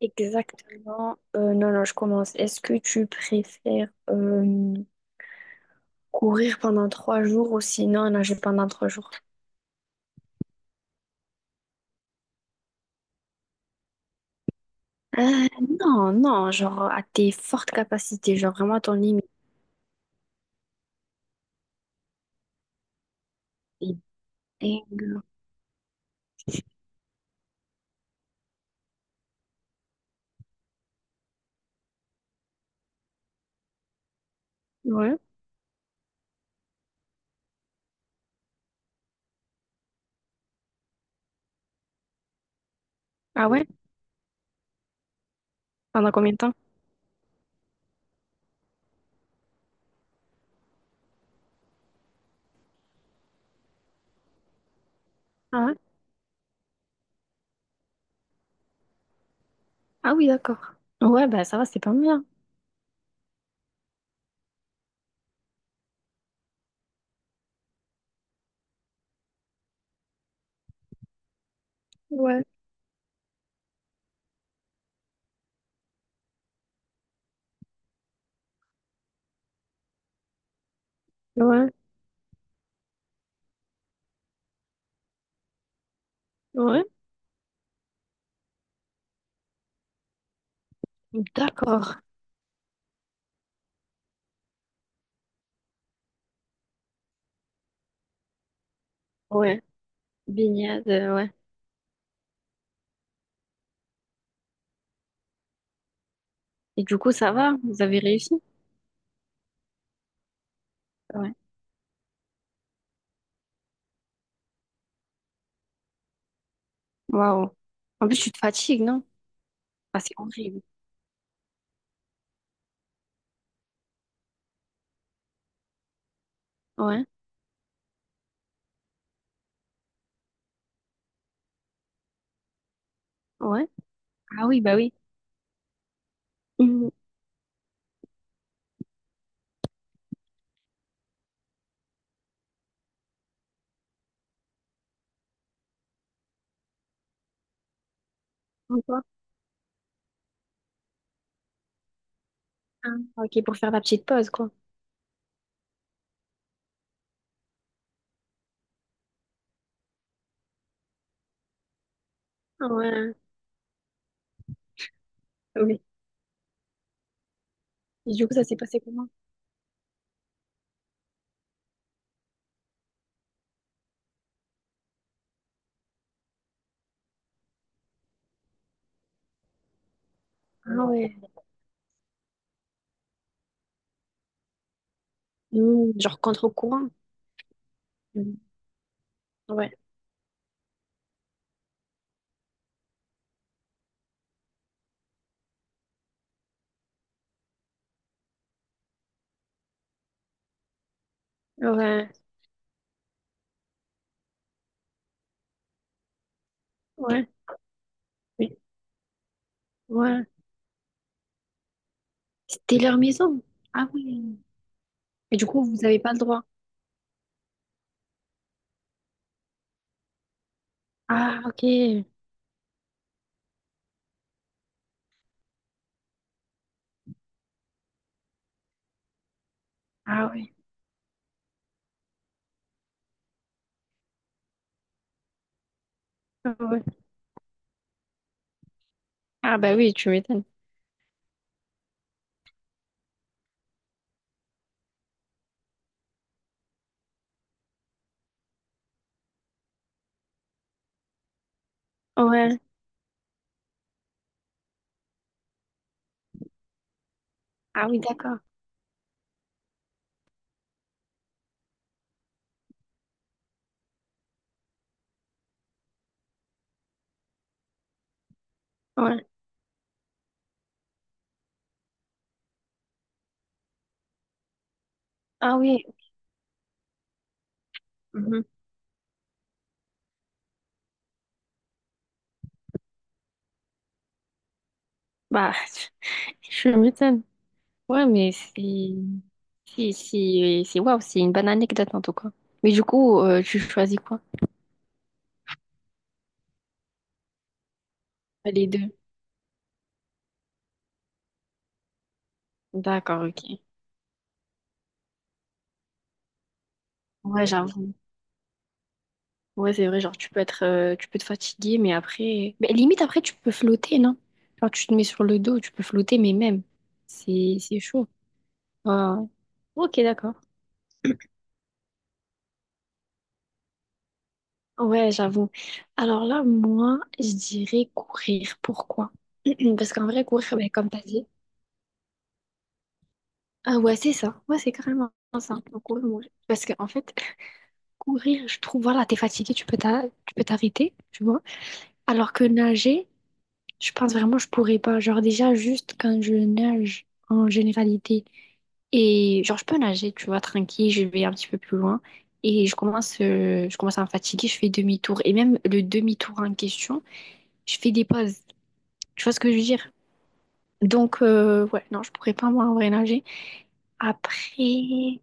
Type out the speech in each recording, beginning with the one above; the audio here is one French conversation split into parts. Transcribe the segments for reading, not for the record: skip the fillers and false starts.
Exactement. Non, non, je commence. Est-ce que tu préfères courir pendant trois jours ou sinon nager pendant trois jours? Euh, non, non, genre à tes fortes capacités, genre vraiment à ton limite. Et- et- Ouais. Ah ouais? Pendant combien de temps? Ah ouais? Ah oui, d'accord. Ouais, bah ça va, c'est pas mal, hein. Ouais, ouais, ouais. D'accord. Ouais. Baignade, ouais. Et du coup, ça va? Vous avez réussi? Ouais. Waouh. En plus, tu te fatigues, non? Ah, c'est horrible. Ouais, ouais. Ah oui, bah oui. Mhm. Encore? Ah, ok, pour faire la petite pause, quoi. Ah ouais, oui. Et du coup, ça s'est passé comment? Ah ouais. Mhm, genre contre-courant. Mhm. Ouais, ouais, ouais, oui, ouais. C'était leur maison. Ah oui. Et du coup, vous n'avez pas le droit. Ah, ok. Ah oui. Ah ouais. Ah bah oui, tu m'étonnes. Ouais. Ah oui, d'accord. Ouais. Ah oui. Mhm. Bah, tu m'étonnes. Ouais, mais c'est si si c'est waouh, c'est une bonne anecdote en tout cas. Mais du coup, tu choisis quoi? Les deux. D'accord, ok. Ouais, j'avoue. Ouais, c'est vrai, genre tu peux être tu peux te fatiguer mais après mais limite après tu peux flotter, non? Genre tu te mets sur le dos, tu peux flotter mais même c'est chaud. Ouais, ouais. OK, d'accord. Ouais, j'avoue. Alors là, moi, je dirais courir. Pourquoi? Parce qu'en vrai, courir, ben, comme t'as dit, ah ouais, c'est ça. Ouais, c'est carrément ça. Le courir, mourir. Parce que, en fait, courir, je trouve, voilà, t'es fatigué, tu peux t'arrêter, tu vois. Alors que nager, je pense vraiment, je pourrais pas. Genre, déjà, juste quand je nage en généralité, et genre, je peux nager, tu vois, tranquille, je vais un petit peu plus loin. Et je commence à me fatiguer, je fais demi-tour. Et même le demi-tour en question, je fais des pauses. Tu vois ce que je veux dire? Donc, ouais, non, je pourrais pas, moi, en vrai, nager. Après.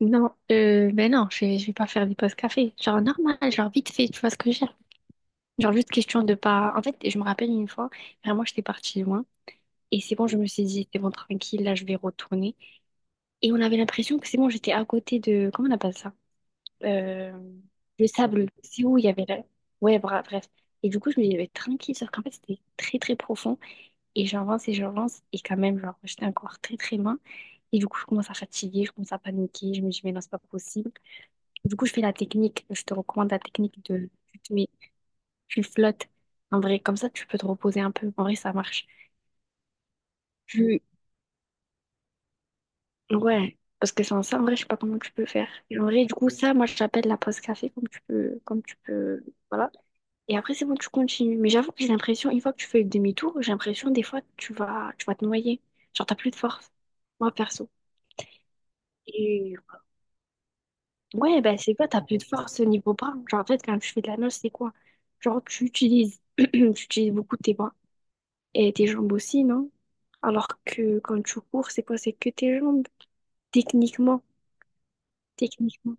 Non, ben non, je vais pas faire des pauses café. Genre normal, genre vite fait, tu vois ce que je veux dire. Genre juste question de pas. En fait, je me rappelle une fois, vraiment, j'étais partie loin. Et c'est bon, je me suis dit, c'est bon, tranquille, là, je vais retourner. Et on avait l'impression que c'est bon, j'étais à côté de. Comment on appelle ça? Euh, le sable. C'est où il y avait la... Ouais, bref. Et du coup, je me disais, tranquille, sauf qu'en fait, c'était très, très profond. Et j'avance et j'avance. Et quand même, genre, j'étais encore très, très loin. Et du coup, je commence à fatiguer, je commence à paniquer. Je me dis, mais non, c'est pas possible. Du coup, je fais la technique. Je te recommande la technique de tu te mets, tu flottes. En vrai, comme ça, tu peux te reposer un peu. En vrai, ça marche. Tu... Ouais, parce que sans ça, en vrai, je sais pas comment tu peux faire. Et en vrai, du coup, ça, moi, je l'appelle la pause café, comme tu peux, voilà. Et après, c'est bon, tu continues. Mais j'avoue que j'ai l'impression, une fois que tu fais le demi-tour, j'ai l'impression, des fois, tu vas te noyer. Genre, t'as plus de force. Moi, perso. Et ouais, ben, c'est quoi, t'as plus de force au niveau bras. Genre, en fait, quand tu fais de la nage, c'est quoi? Genre, tu utilises beaucoup tes bras. Et tes jambes aussi, non? Alors que quand tu cours, c'est quoi? C'est que tes jambes. Techniquement. Techniquement.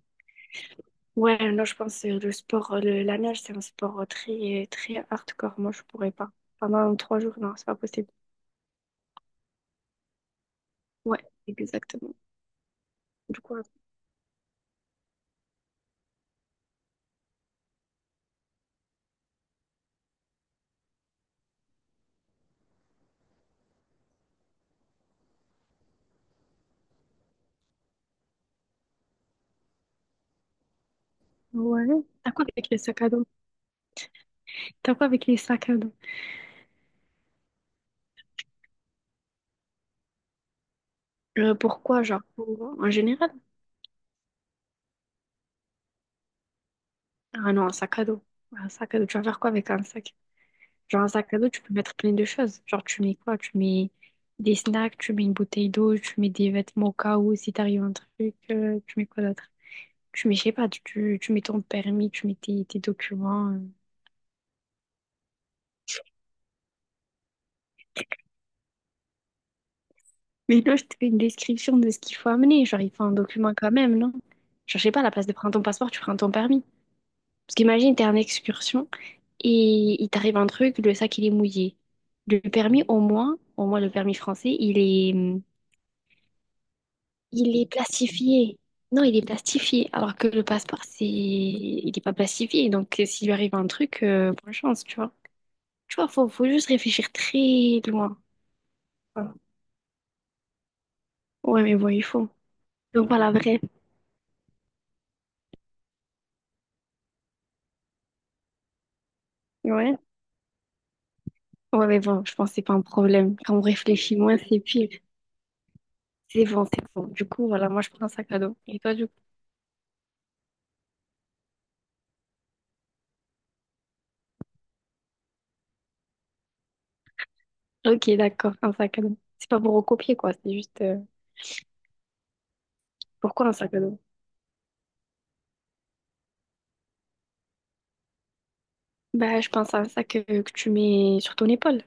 Ouais, non, je pense que le sport, la nage, c'est un sport très, très hardcore. Moi, je pourrais pas. Pendant trois jours, non, c'est pas possible. Ouais, exactement. Du coup, ouais. T'as quoi avec les sacs à dos? T'as quoi avec les sacs à dos? Pourquoi, genre, en général? Ah non, un sac à dos. Un sac à dos. Tu vas faire quoi avec un sac? Genre, un sac à dos, tu peux mettre plein de choses. Genre, tu mets quoi? Tu mets des snacks, tu mets une bouteille d'eau, tu mets des vêtements au cas où, si t'arrive un truc, tu mets quoi d'autre? Tu mets, je sais pas, tu mets ton permis, tu mets tes documents. Mais là, je te fais une description de ce qu'il faut amener. Genre, il faut un document quand même, non? Genre, je sais pas, à la place de prendre ton passeport, tu prends ton permis. Parce qu'imagine, t'es en excursion et il t'arrive un truc, le sac, il est mouillé. Le permis, au moins le permis français, il est, il est plastifié. Non, il est plastifié. Alors que le passeport, c'est... il n'est pas plastifié. Donc, s'il lui arrive un truc, bonne chance, tu vois. Tu vois, faut juste réfléchir très loin. Voilà. Ouais, mais bon, il faut. Donc, voilà, vrai. Ouais. Ouais, mais bon, je pense que c'est pas un problème. Quand on réfléchit moins, c'est pire. C'est bon, c'est bon. Du coup, voilà, moi, je prends un sac à dos. Et toi, du coup? Ok, d'accord, un sac à dos. C'est pas pour recopier, quoi. Pourquoi un sac à dos? Bah, je pense à un sac que tu mets sur ton épaule.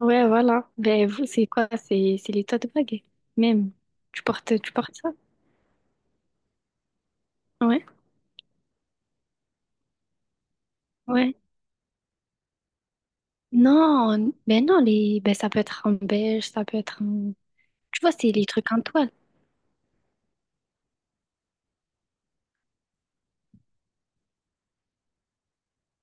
Ouais, voilà. Ben, vous, c'est quoi? C'est les tote bags, même. Tu portes ça? Ouais. Ouais. Non, ben non, les... ben, ça peut être en beige, ça peut être en... Tu vois, c'est les trucs en toile.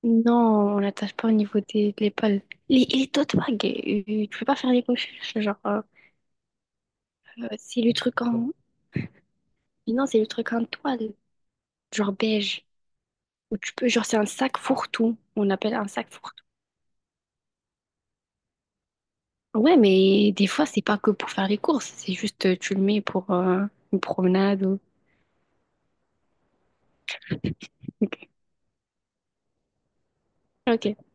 Non, on l'attache pas au niveau de l'épaule. Les tote bags, tu peux pas faire les coquilles, genre, c'est le truc en... Non, c'est le truc en toile, genre beige. Ou tu peux, genre, c'est un sac fourre-tout. On appelle un sac ouais, mais des fois, c'est pas que pour faire les courses, c'est juste tu le mets pour une promenade ou... Ok. Ok.